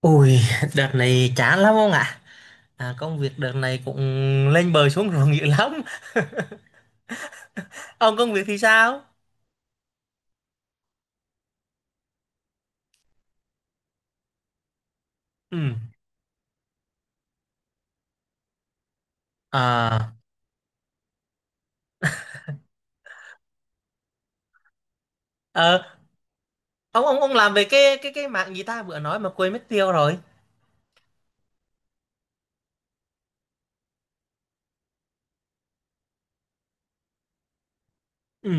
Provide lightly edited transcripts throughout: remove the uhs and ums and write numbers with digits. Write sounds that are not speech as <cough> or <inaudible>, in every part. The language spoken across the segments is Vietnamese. Ui, <laughs> đợt này chán lắm ông ạ. À, công việc đợt này cũng lên bờ xuống ruộng dữ lắm. <laughs> Ông công việc thì sao? Ừ. À, ờ, ông làm về cái mạng gì ta vừa nói mà quên mất tiêu rồi. Ừ.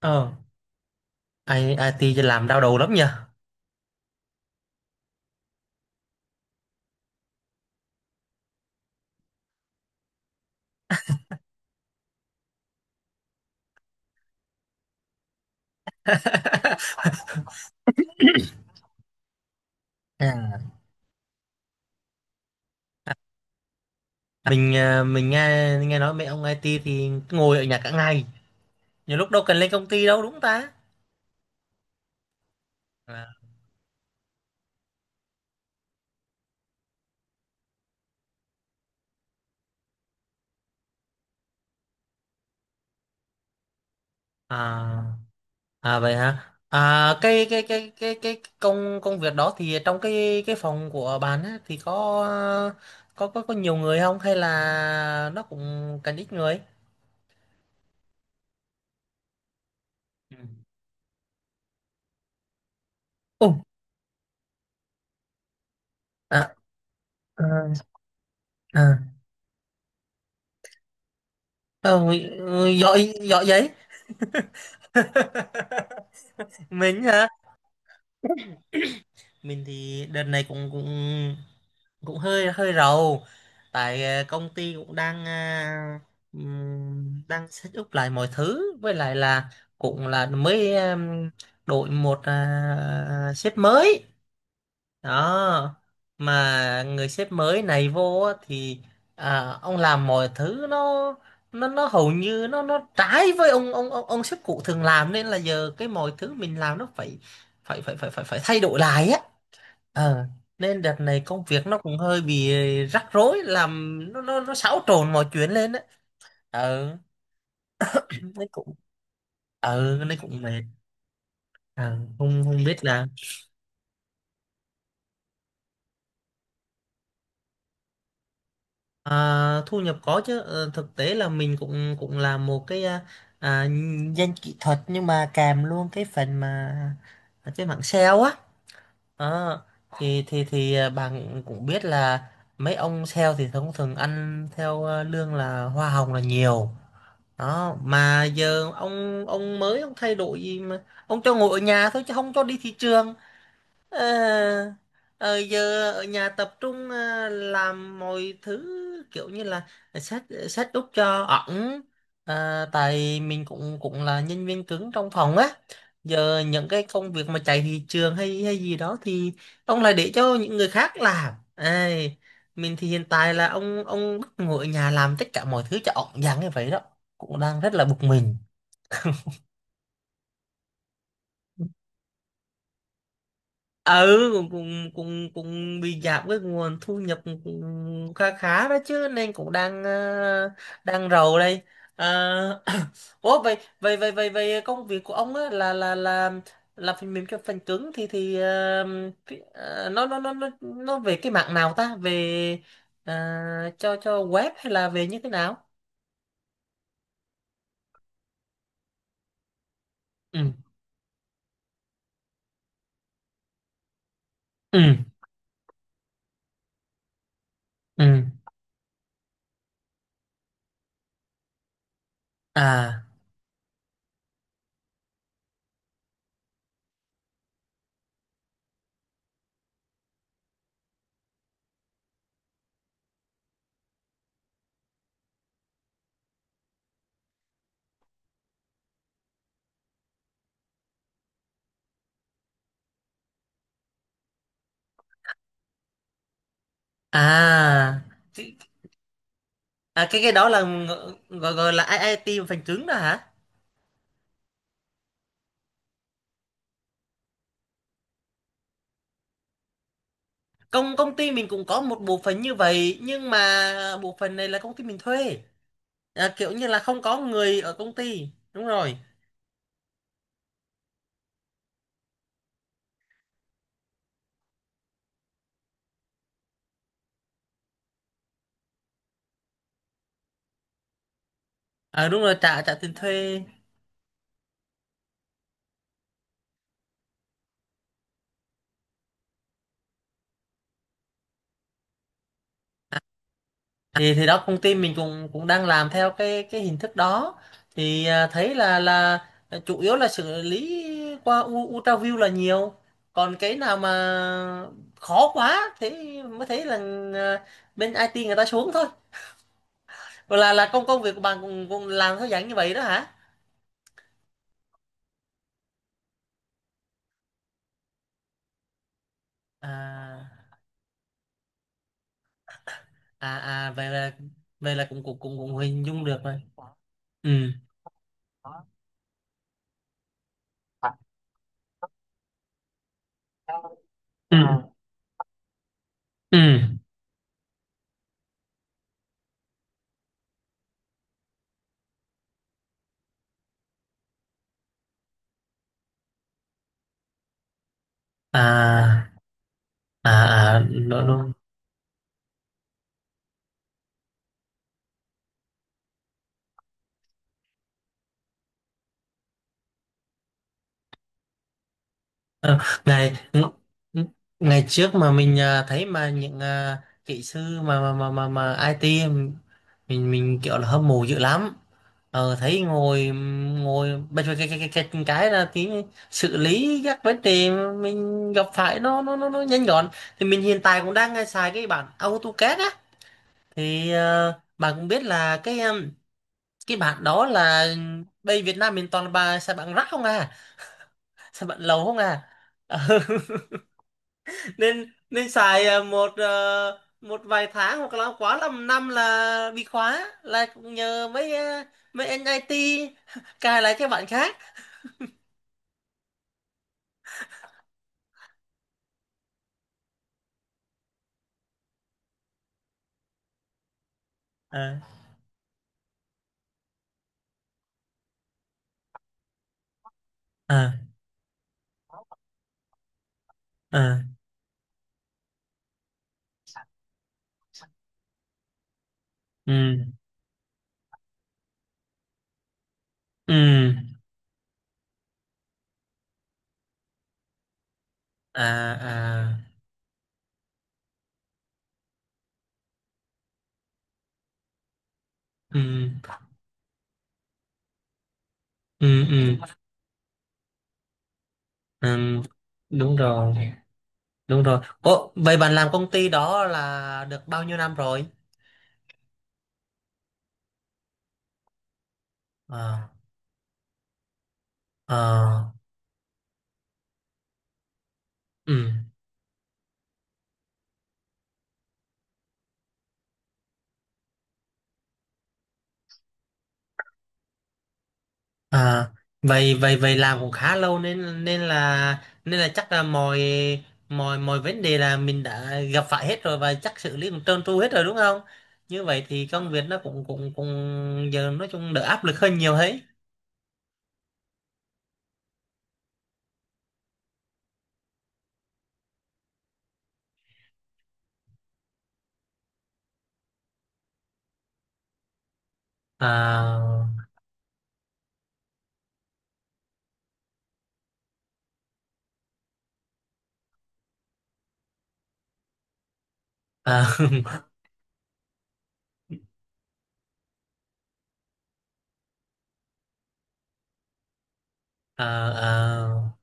Ờ, IT thì làm đau đầu lắm nhờ. <laughs> À. Mình à, mình nghe nghe nói mấy ông IT thì ngồi ở nhà cả ngày. Nhiều lúc đâu cần lên công ty đâu đúng không ta? À. À. À vậy hả? À cái công công việc đó thì trong cái phòng của bạn á, thì có có nhiều người không hay là nó cũng cần ít người? Ừ. Ồ, à à à. Ờ, giỏi giỏi vậy. <laughs> Mình hả? Mình thì đợt này cũng cũng cũng hơi hơi rầu tại ờ, công ty cũng đang à, đang set up lại mọi thứ với lại là cũng là mới đổi một à, sếp mới đó mà người sếp mới này vô á thì à, ông làm mọi thứ nó hầu như nó trái với ông sếp cũ thường làm nên là giờ cái mọi thứ mình làm nó phải phải phải phải phải phải thay đổi lại á ờ nên đợt này công việc nó cũng hơi bị rắc rối làm nó xáo trộn mọi chuyện lên á ờ nên cũng ờ nên cũng mệt ờ không không biết là à, thu nhập có chứ ờ, thực tế là mình cũng cũng làm một cái à, à, danh kỹ thuật nhưng mà kèm luôn cái phần mà à, cái mảng sale á. Ờ, thì à, bạn cũng biết là mấy ông sale thì thông thường ăn theo à, lương là hoa hồng là nhiều đó mà giờ ông mới ông thay đổi gì mà ông cho ngồi ở nhà thôi chứ không cho đi thị trường. Ờ, ờ, giờ ở nhà tập trung ờ, làm mọi thứ kiểu như là set set up cho ẩn. Ờ, tại mình cũng cũng là nhân viên cứng trong phòng á giờ những cái công việc mà chạy thị trường hay hay gì đó thì ông lại để cho những người khác làm. Ai, mình thì hiện tại là ông bắt ngồi ở nhà làm tất cả mọi thứ cho ẩn dáng như vậy đó cũng đang rất là bực mình. Ừ cũng cũng cũng cũng bị giảm cái nguồn thu nhập cũng khá khá đó chứ nên cũng đang ờ, đang rầu đây. Ờ, <coughs> ủa vậy vậy vậy vậy vậy công việc của ông á là là phần mềm cho phần cứng thì ờ, ờ, nó về cái mạng nào ta về ờ, cho web hay là về như thế nào. Ừ ừ ừ à à. Thì- à cái đó là gọi gọi là IT phần cứng đó hả. Công công ty mình cũng có một bộ phận như vậy nhưng mà bộ phận này là công ty mình thuê à, kiểu như là không có người ở công ty đúng rồi à, đúng rồi trả trả tiền thuê. Thì đó công ty mình cũng cũng đang làm theo cái hình thức đó thì à, thấy là chủ yếu là xử lý qua UltraView là nhiều còn cái nào mà khó quá thế mới thấy là à, bên IT người ta xuống thôi còn là công công việc của bạn cũng cũng làm theo dạng như vậy đó hả. À à à vậy là cũng cũng cũng cũng hình dung được rồi ừ ừ ừ à à à đúng, luôn. Ờ, ngày ngày trước mà mình à, thấy mà những à, kỹ sư mà IT mình kiểu là hâm mộ dữ lắm ờ, thấy ngồi ngồi bây giờ cái là tí xử lý các vấn đề mình gặp phải nó nhanh gọn thì mình hiện tại cũng đang à, xài cái bản AutoCAD á thì ờ, bạn cũng biết là cái em, cái bạn đó là bây Việt Nam mình toàn là bà xài bạn rác không à xài bạn lầu không à. Ờ, <laughs> nên nên xài ờ, một vài tháng hoặc là quá lắm năm là bị khóa là cũng nhờ mấy ờ, mấy anh IT <laughs> cài lại cái bạn khác à à à ừ ừ à à ừ ừ ừ, ừ. Đúng rồi đúng rồi. Ủa, vậy bạn làm công ty đó là được bao nhiêu năm rồi. Ờ, ờ, ừ. À, vậy vậy vậy làm cũng khá lâu nên nên là chắc là mọi mọi mọi vấn đề là mình đã gặp phải hết rồi và chắc xử lý cũng trơn tru hết rồi đúng không như vậy thì công việc nó cũng cũng cũng giờ nói chung đỡ áp lực hơn nhiều ấy. À, à, <laughs> à, à,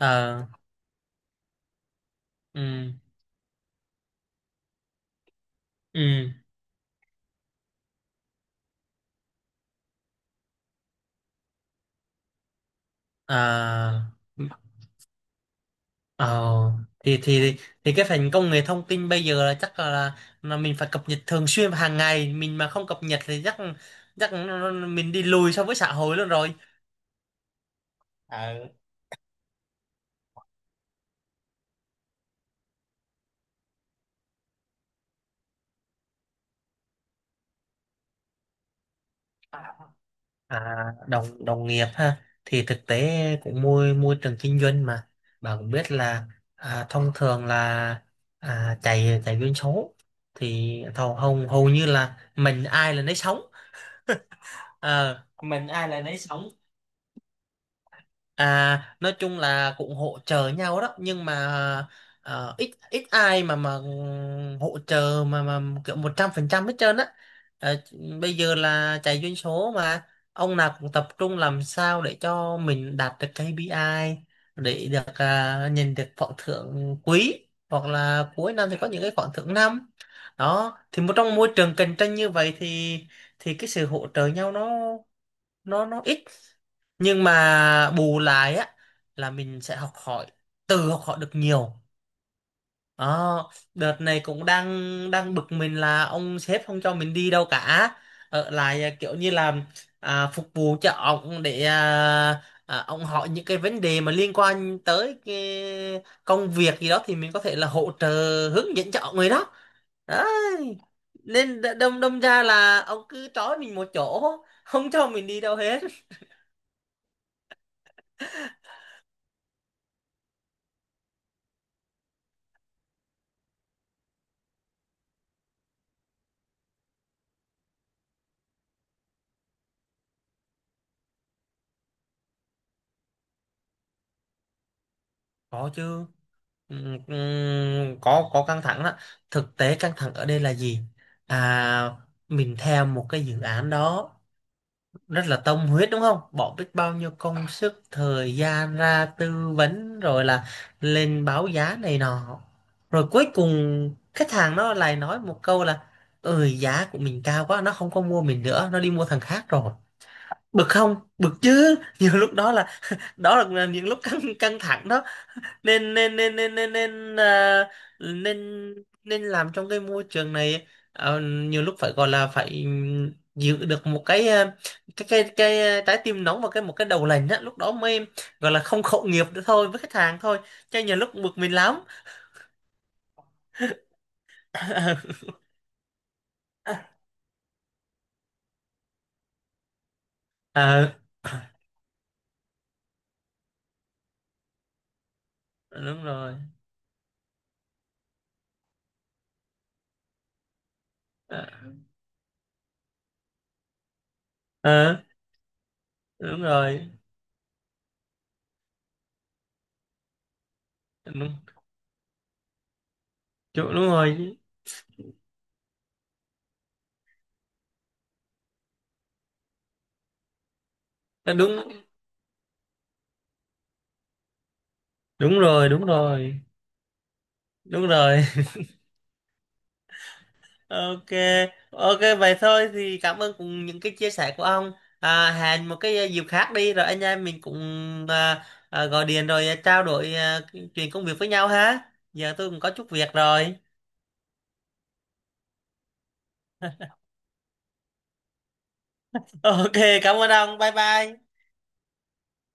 à, <laughs> ừ, ừ, à. Ờ, thì thì thì cái phần công nghệ thông tin bây giờ là chắc là mình phải cập nhật thường xuyên và hàng ngày mình mà không cập nhật thì chắc chắc mình đi lùi so với xã hội luôn rồi. Ờ. À, đồng đồng nghiệp ha thì thực tế cũng môi môi trường kinh doanh mà bà cũng biết là à, thông thường là à, chạy chạy doanh số thì thầu hầu hầu như là mình ai là nấy sống. Ờ, mình ai là nấy sống. À, nói chung là cũng hỗ trợ nhau đó nhưng mà ờ, ít ít ai mà ừ, hỗ trợ mà kiểu 100% hết trơn á. Ờ, bây giờ là chạy doanh số mà ông nào cũng tập trung làm sao để cho mình đạt được KPI để được à, nhìn được khoản thưởng quý hoặc là cuối năm thì có những cái khoản thưởng năm đó thì một trong môi trường cạnh tranh như vậy thì cái sự hỗ trợ nhau nó nó ít nhưng mà bù lại á là mình sẽ học hỏi từ học hỏi được nhiều đó đợt này cũng đang đang bực mình là ông sếp không cho mình đi đâu cả ở lại à, kiểu như là à, phục vụ cho ông để à, à, ông hỏi những cái vấn đề mà liên quan tới cái công việc gì đó thì mình có thể là hỗ trợ hướng dẫn cho ông người đó. Đấy. Nên đâm đâm ra là ông cứ trói mình một chỗ không cho mình đi đâu hết có chứ. Có căng thẳng đó thực tế căng thẳng ở đây là gì à mình theo một cái dự án đó rất là tâm huyết đúng không bỏ biết bao nhiêu công sức thời gian ra tư vấn rồi là lên báo giá này nọ rồi cuối cùng khách hàng nó lại nói một câu là ừ giá của mình cao quá nó không có mua mình nữa nó đi mua thằng khác rồi bực không bực chứ <laughs> nhiều lúc đó là những lúc căng căng thẳng đó nên nên nên nên nên nên à, nên nên làm trong cái môi trường này ờ, nhiều lúc phải gọi là phải giữ được một cái à, cái à, trái tim nóng và cái một cái đầu lạnh á lúc đó mới gọi là không khẩu nghiệp nữa thôi với khách hàng thôi chứ nhiều lúc bực mình lắm. <laughs> Ờ đúng rồi ờ ờ, đúng rồi đúng, đúng rồi đúng đúng rồi đúng rồi đúng rồi. Ok, ok vậy thôi thì cảm ơn cùng những cái chia sẻ của ông. À, hẹn một cái ờ, dịp khác đi rồi anh em mình cũng à, à, gọi điện rồi ờ, trao đổi à, chuyện công việc với nhau ha. Giờ tôi cũng có chút việc rồi. <laughs> Ok, cảm ơn ông. Bye bye.